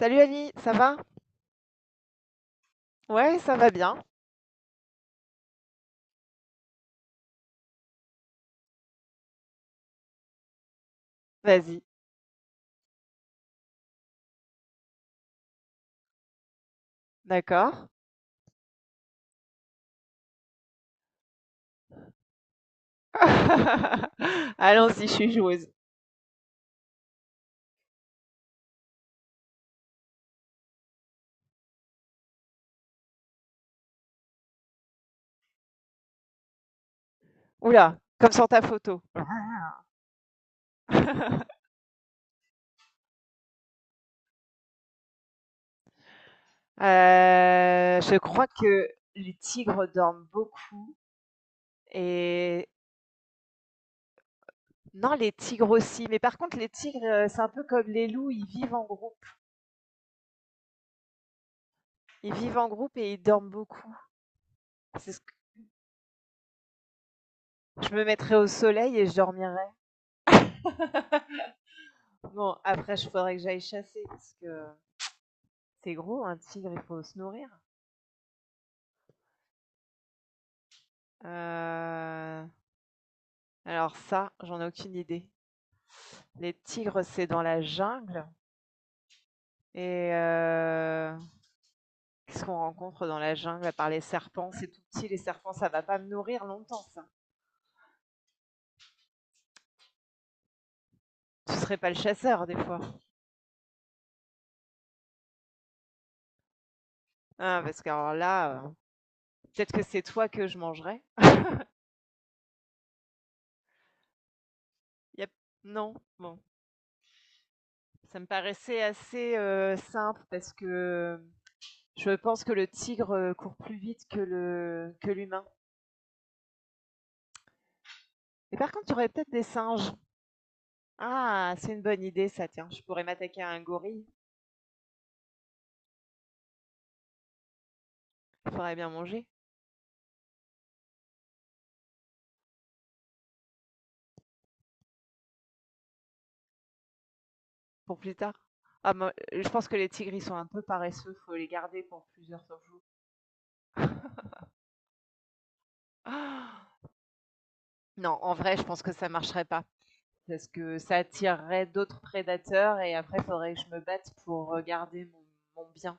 Salut Ali, ça va? Ouais, ça va bien. Vas-y, d'accord. Allons-y, je suis joueuse. Oula, comme sur ta photo. Je crois que les tigres dorment beaucoup et non, les tigres aussi. Mais par contre, les tigres, c'est un peu comme les loups, ils vivent en groupe. Ils vivent en groupe et ils dorment beaucoup. C'est ce que- Je me mettrais au soleil et je dormirais. Bon, après, je faudrait que j'aille chasser parce que c'est gros, un tigre, il faut se nourrir. Euh, Alors ça, j'en ai aucune idée. Les tigres, c'est dans la jungle. Et heu, Qu'est-ce qu'on rencontre dans la jungle à part les serpents? C'est tout petit, les serpents, ça va pas me nourrir longtemps ça. Tu serais pas le chasseur des fois? Ah parce que alors là, peut-être que c'est toi que je mangerais? Il non? Bon, ça me paraissait assez, simple parce que je pense que le tigre, court plus vite que le que l'humain. Et par contre, tu aurais peut-être des singes. Ah! C'est une bonne idée ça, tiens. Je pourrais m'attaquer à un gorille. Faudrait bien manger pour plus tard. Ah moi, je pense que les tigres, ils sont un peu paresseux, faut les garder pour plusieurs jours. Ah non, en vrai, je pense que ça marcherait pas parce que ça attirerait d'autres prédateurs et après, faudrait que je me batte pour garder mon, mon bien.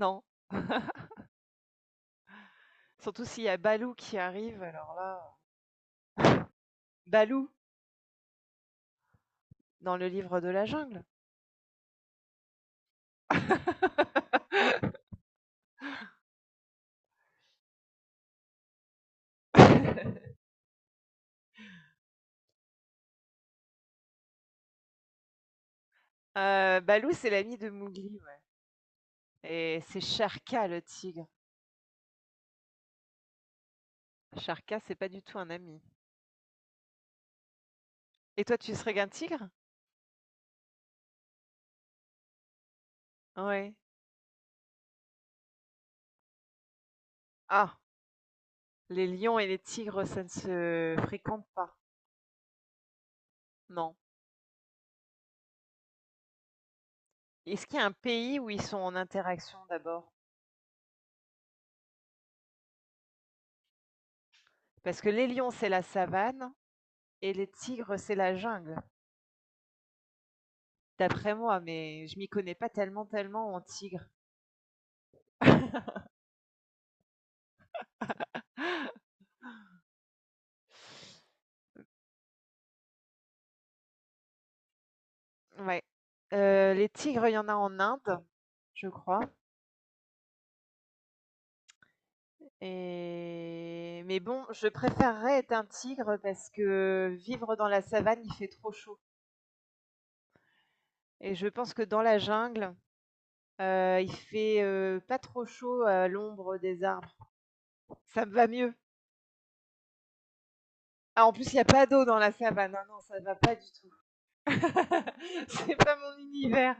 Non, surtout s'il y a Balou qui arrive, alors là, Balou dans le livre de la jungle. Balou, c'est l'ami de Mowgli ouais. Et c'est Sharka le tigre. Sharka, c'est pas du tout un ami. Et toi, tu serais qu'un tigre? Ouais. Ah, les lions et les tigres, ça ne se fréquente pas, non. Est-ce qu'il y a un pays où ils sont en interaction d'abord? Parce que les lions, c'est la savane et les tigres, c'est la jungle, d'après moi, mais je m'y connais pas tellement, tellement en tigres. Ouais. Les tigres, il y en a en Inde, je crois. Et... Mais bon, je préférerais être un tigre parce que vivre dans la savane, il fait trop chaud. Et je pense que dans la jungle, il fait, pas trop chaud à l'ombre des arbres. Ça me va mieux. Ah, en plus, il y a pas d'eau dans la savane, ah non, ça me va pas du tout. C'est pas mon univers.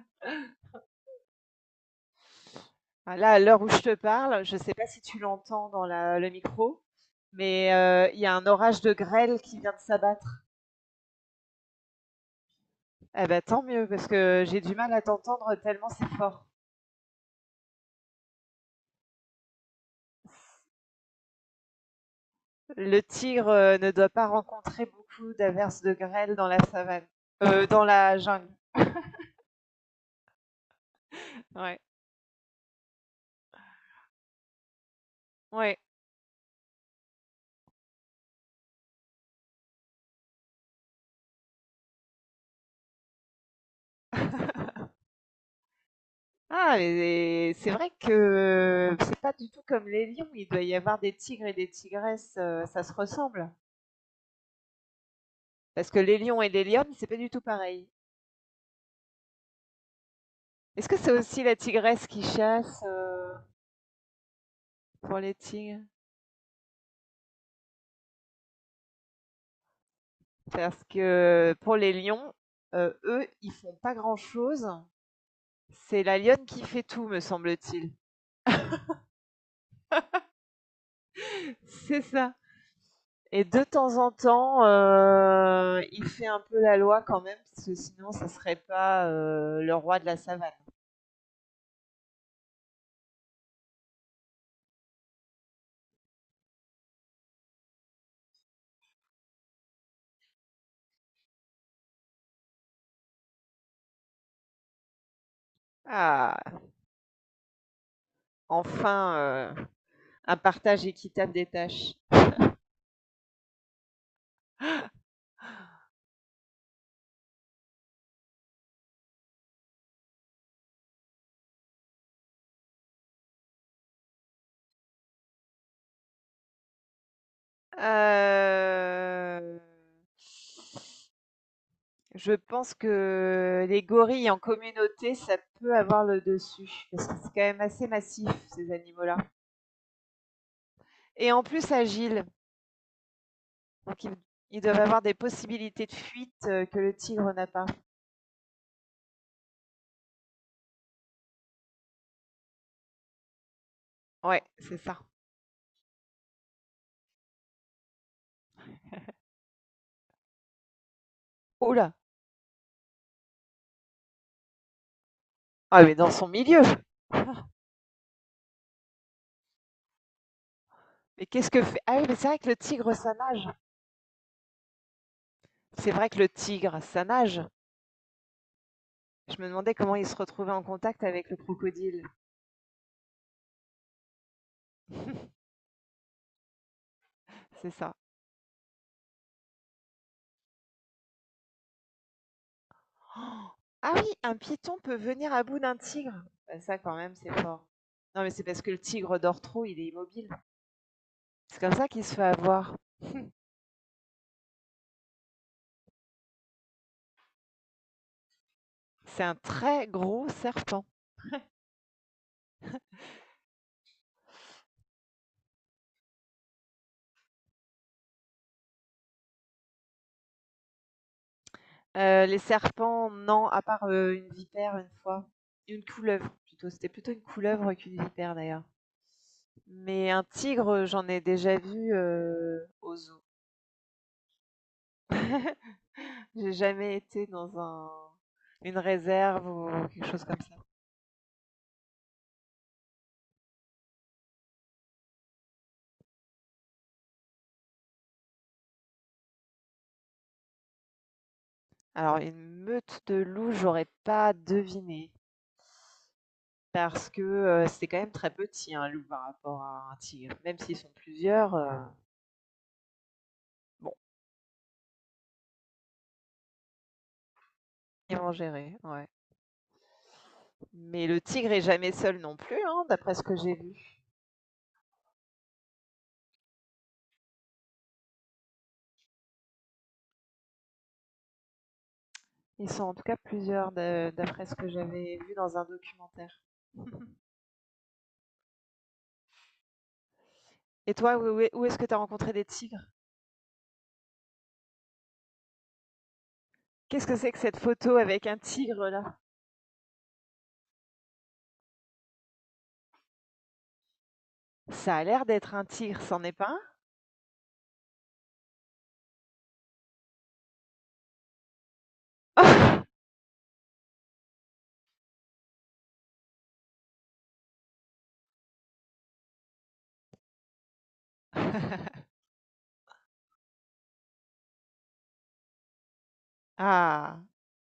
Ah là, à l'heure où je te parle, je ne sais pas si tu l'entends dans la le micro, mais il y a un orage de grêle qui vient de s'abattre. Eh ben tant mieux parce que j'ai du mal à t'entendre tellement c'est fort. Le tigre, ne doit pas rencontrer beaucoup d'averses de grêle dans la savane, dans la jungle. Ouais, ouais. Ah, mais c'est vrai que c'est pas du tout comme les lions. Il doit y avoir des tigres et des tigresses, ça se ressemble. Parce que les lions et les lionnes, c'est pas du tout pareil. Est-ce que c'est aussi la tigresse qui chasse pour les tigres? Parce que pour les lions, eux, ils font pas grand-chose. C'est la lionne qui fait tout, me semble-t-il. C'est ça. Et de temps en temps, il fait un peu la loi quand même, parce que sinon, ça serait pas le roi de la savane. Ah, enfin, un partage équitable des tâches. Euh, je pense que les gorilles en communauté, ça peut avoir le dessus, parce que c'est quand même assez massif, ces animaux-là. Et en plus agiles, donc ils doivent avoir des possibilités de fuite que le tigre n'a pas. Ouais, c'est ça. Oh là. Ah, mais dans son milieu. Ah, mais qu'est-ce que fait. Ah oui, mais c'est vrai que le tigre, ça nage. C'est vrai que le tigre, ça nage. Je me demandais comment il se retrouvait en contact avec le crocodile. C'est ça. Oh ah oui, un python peut venir à bout d'un tigre. Bah, ça, quand même, c'est fort. Non, mais c'est parce que le tigre dort trop, il est immobile. C'est comme ça qu'il se fait avoir. C'est un très gros serpent. Les serpents, non, à part une vipère une fois. Une couleuvre, plutôt. C'était plutôt une couleuvre qu'une vipère, d'ailleurs. Mais un tigre, j'en ai déjà vu au zoo. J'ai jamais été dans un une réserve ou quelque chose comme ça. Alors une meute de loups, j'aurais pas deviné parce que, c'est quand même très petit un loup par rapport à un tigre. Même s'ils sont plusieurs, bon, ils vont gérer, ouais. Mais le tigre est jamais seul non plus, hein, d'après ce que j'ai vu. Ils sont en tout cas plusieurs de d'après ce que j'avais vu dans un documentaire. Et toi, où est-ce que tu as rencontré des tigres? Qu'est-ce que c'est que cette photo avec un tigre là? Ça a l'air d'être un tigre, c'en est pas un? Ah!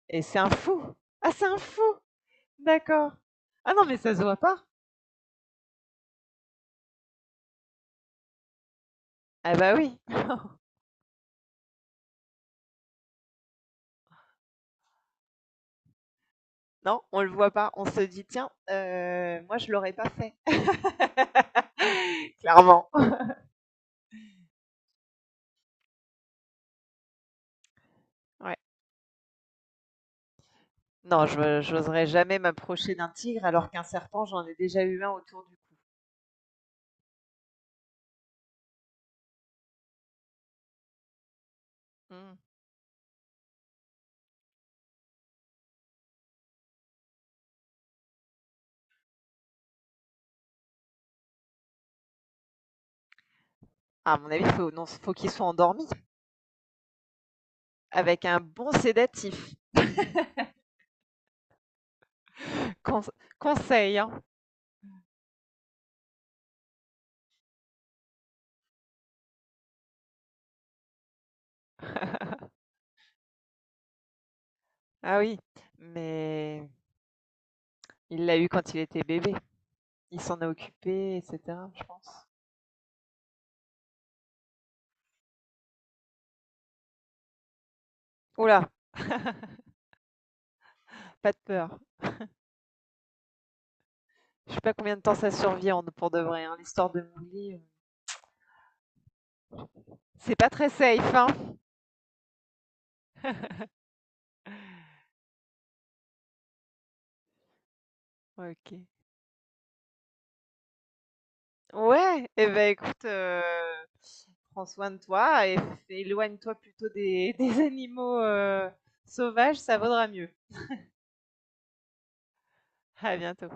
Et c'est un fou! Ah, c'est un fou! D'accord. Ah non, mais ça se voit pas. Ah bah oui. Non, on le voit pas. On se dit: «Tiens, moi je l'aurais pas fait». Clairement. Ouais. Non, je j'oserais jamais m'approcher d'un tigre alors qu'un serpent, j'en ai déjà eu un autour du cou. Mmh. À mon avis, faut non, faut qu'il soit endormi avec un bon sédatif. Conse Conseil, hein. Ah oui, mais il l'a eu quand il était bébé. Il s'en a occupé, etc., je pense. Oula, pas de peur. Je sais pas combien de temps ça survit pour de vrai, hein. L'histoire de Mouli, c'est pas très safe. Hein. Ok. Ouais, et eh ben écoute, prends soin de toi et éloigne-toi plutôt des, des animaux sauvages, ça vaudra mieux. À bientôt.